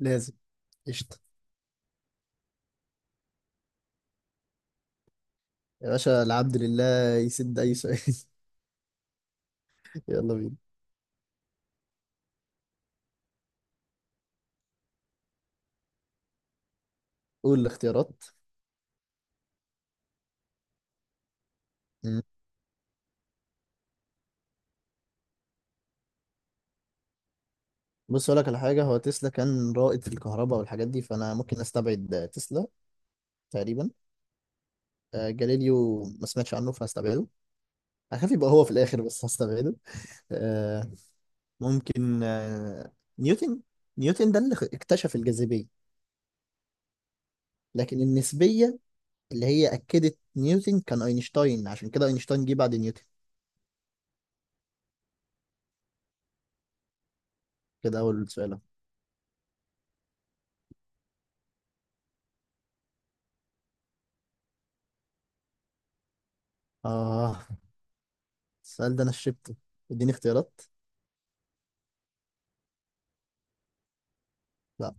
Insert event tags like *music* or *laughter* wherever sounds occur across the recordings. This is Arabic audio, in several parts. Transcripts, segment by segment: لازم. قشطة. يا باشا العبد لله يسد أي سؤال. *laughs* يلا بينا. قول الاختيارات. مم. بص أقول لك على حاجة، هو تسلا كان رائد في الكهرباء والحاجات دي، فأنا ممكن أستبعد تسلا تقريبا. جاليليو ما سمعتش عنه فهستبعده. هخاف يبقى هو في الآخر بس هستبعده. آه ممكن آه نيوتن نيوتن ده اللي اكتشف الجاذبية. لكن النسبية اللي هي أكدت نيوتن كان أينشتاين، عشان كده أينشتاين جه بعد نيوتن. كده أول سؤال أهو. آه السؤال ده انا شربته. اديني اختيارات. لا.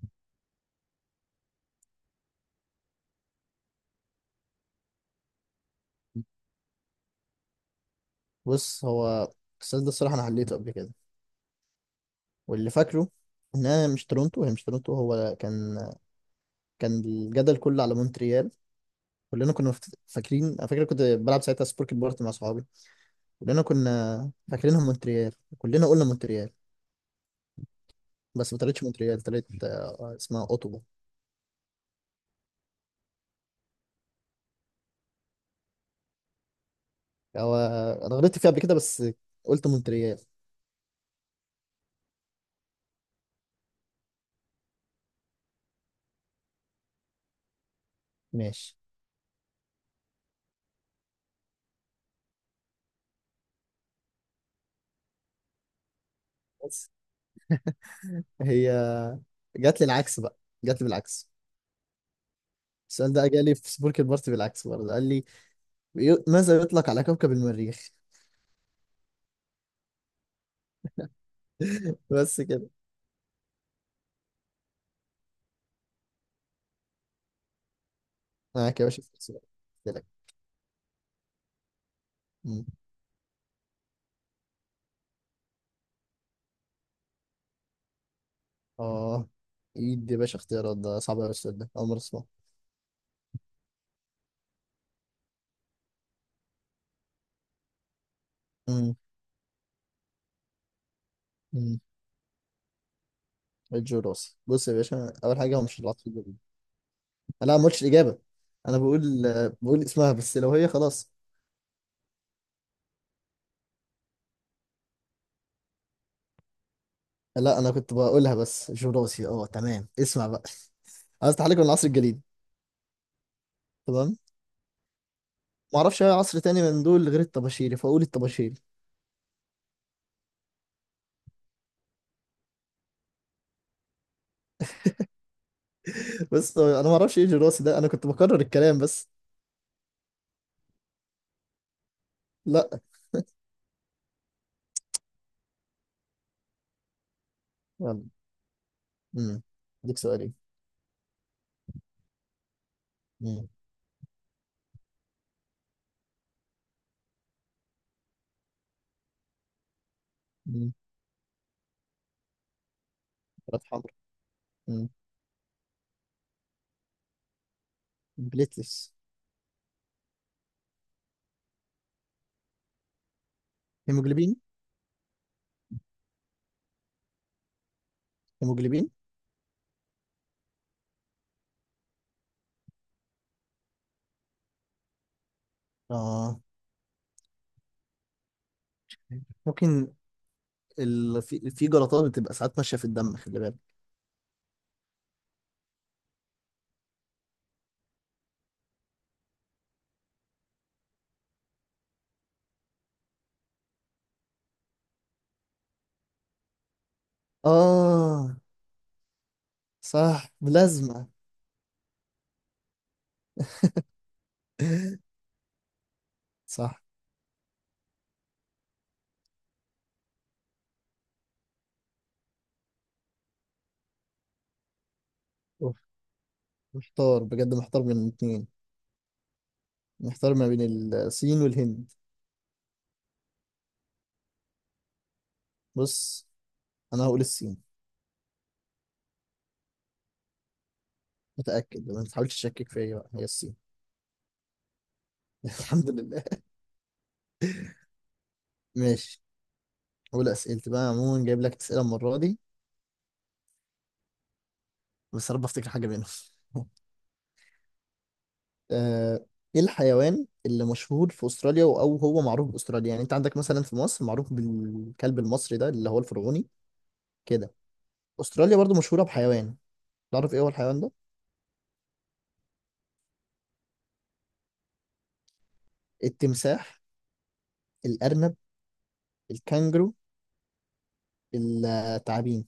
بص هو السؤال ده الصراحه انا حليته قبل كده، واللي فاكره ان انا مش تورونتو، هي مش تورونتو. هو كان كان الجدل كله على مونتريال. كلنا كنا فاكرين. انا فاكر كنت بلعب ساعتها سبورك بورت مع صحابي. كلنا كنا فاكرينها مونتريال، كلنا قلنا مونتريال. بس ما طلعتش مونتريال، طلعت، اسمها اوتوا. هو انا غلطت فيها قبل كده، بس قلت مونتريال. ماشي، بس هي جات لي العكس بقى، جات لي بالعكس. السؤال ده جالي في سبورك البارتي بالعكس برضه، قال لي ماذا يطلق على كوكب المريخ. *laughs* بس كده. معاك يا باشا في السؤال. قلت لك. مم. اه، ايد يا باشا اختيارات، ده صعب قوي السؤال ده، اول مره اسمعه. مم. مم. الجوراس. بص يا باشا، اول حاجه هو مش العطف الجوي. لا، ما قلتش الاجابه، انا بقول اسمها بس، لو هي خلاص. لا انا كنت بقولها بس، جوراسي. اه تمام، اسمع بقى، عايز تحليق من العصر الجليدي. تمام. ما اعرفش اي عصر تاني من دول غير الطباشيري، فاقول الطباشيري. بس انا ما اعرفش ايه جراسي ده، انا كنت بكرر الكلام بس. لا. يلا. امم. اديك سؤالي. امم. امم. كرات حمراء. امم. بليتس. هيموجلوبين. هيموجلوبين. اه ممكن، في جلطات بتبقى ساعات ماشيه في الدم، خلي بالك. اه صح، ملازمه. *laughs* صح. أوف. محتار بجد، محتار بين الاثنين، محتار ما بين الصين والهند. بص انا هقول الصين. متاكد، ما تحاولش تشكك فيا بقى، هي الصين. *laughs* الحمد لله. ماشي. أول أسئلتي بقى، عموما جايب لك أسئلة المرة دي، بس يا رب أفتكر حاجة منهم. *laughs* آه، إيه الحيوان اللي مشهور في أستراليا، أو هو معروف بأستراليا؟ يعني أنت عندك مثلا في مصر معروف بالكلب المصري ده اللي هو الفرعوني كده. أستراليا برضو مشهورة بحيوان، تعرف إيه هو الحيوان ده؟ التمساح، الأرنب، الكانجرو، التعابين.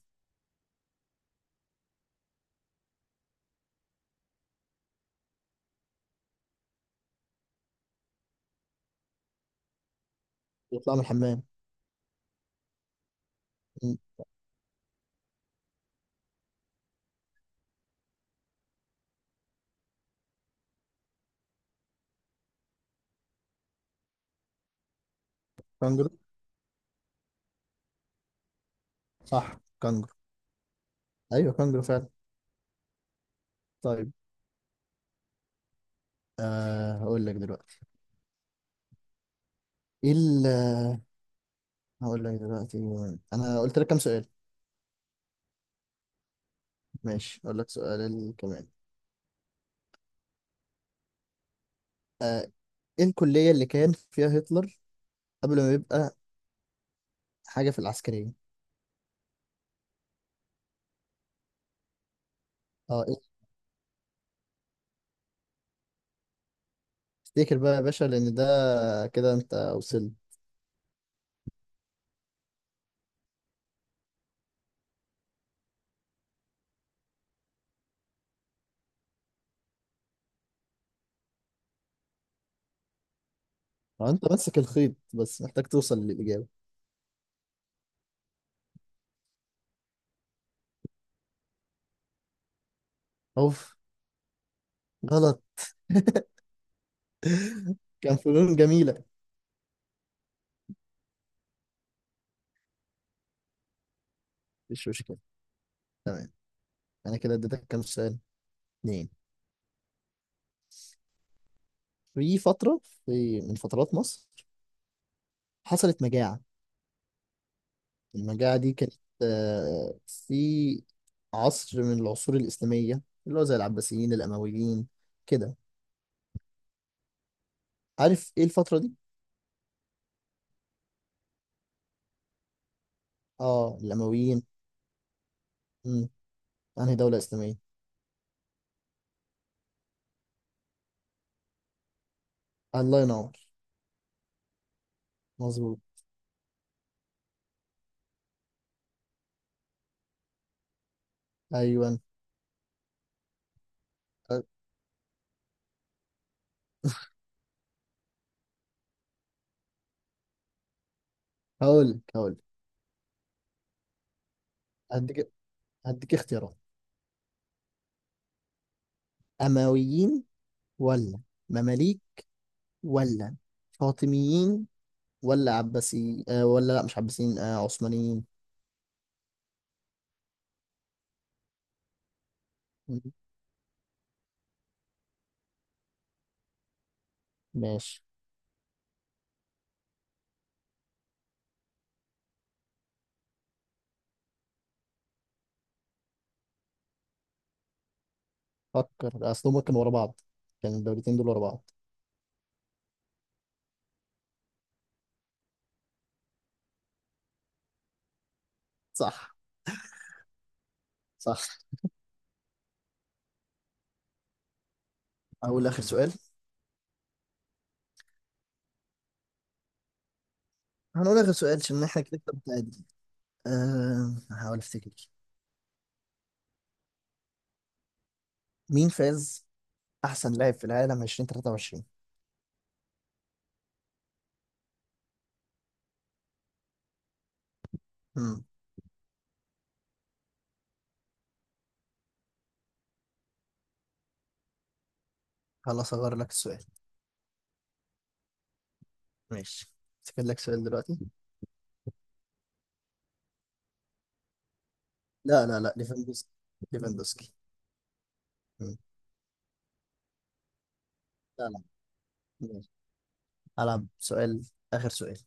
بيطلع من الحمام. م، كانجرو، صح كانجرو. أيوه كانجرو فعلا. طيب. هقول لك دلوقتي. إيه ال- هقول لك دلوقتي. أنا قلت لك كام سؤال؟ ماشي اقول لك سؤال كمان. آه ايه الكلية اللي كان فيها هتلر قبل ما يبقى حاجة في العسكرية؟ اه إيه؟ افتكر بقى يا باشا لان ده كده انت وصلت. انت ماسك الخيط، بس محتاج توصل للإجابة. اوف غلط. *laughs* كان فنون جميلة. مش مشكلة. تمام. أنا كده اديتك كام سؤال؟ اتنين. في فترة، في من فترات مصر حصلت مجاعة. المجاعة دي كانت، في عصر من العصور الإسلامية اللي هو زي العباسيين الأمويين كده. عارف ايه الفترة دي؟ اه الأمويين. امم. انهي دولة إسلامية؟ الله ينور. مظبوط. أيوه. هقول. هديك هديك اختيارات. أمويين، ولا مماليك، ولا فاطميين، ولا عباسي، آه ولا، لا مش عباسيين، عثمانيين. مم. ماشي. فكر أصلهم كانوا ورا بعض، كان الدولتين دول ورا بعض. صح. صح. أقول آخر سؤال. هنقول آخر سؤال عشان احنا كده كده متعادل. أه هحاول أفتكر. مين فاز احسن لاعب في العالم 2023؟ امم. خلاص اغير لك السؤال. ماشي، افتكر لك سؤال دلوقتي. لا لا لا، ليفاندوسكي، ليفاندوسكي. مم. لا لا. ماشي. هلعب سؤال، اخر سؤال.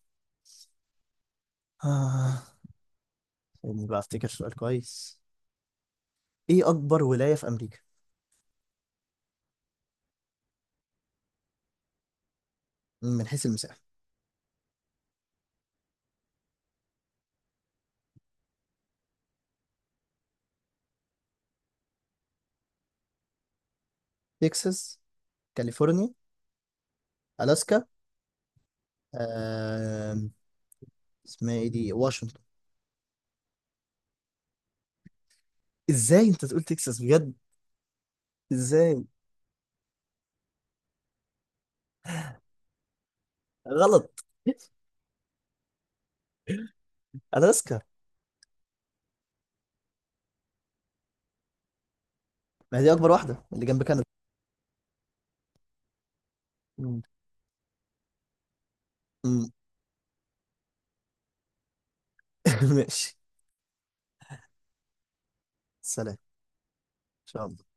آه. سيبني بقى افتكر سؤال كويس. ايه اكبر ولاية في امريكا من حيث المساحة؟ تكساس، كاليفورنيا، الاسكا، آه... اسمها ايه دي، واشنطن. ازاي انت تقول تكساس بجد؟ ازاي، غلط. *laughs* الاسكا. ما هي دي اكبر واحدة اللي جنب كندا. مم. مم. *laughs* ماشي. سلام ان شاء الله.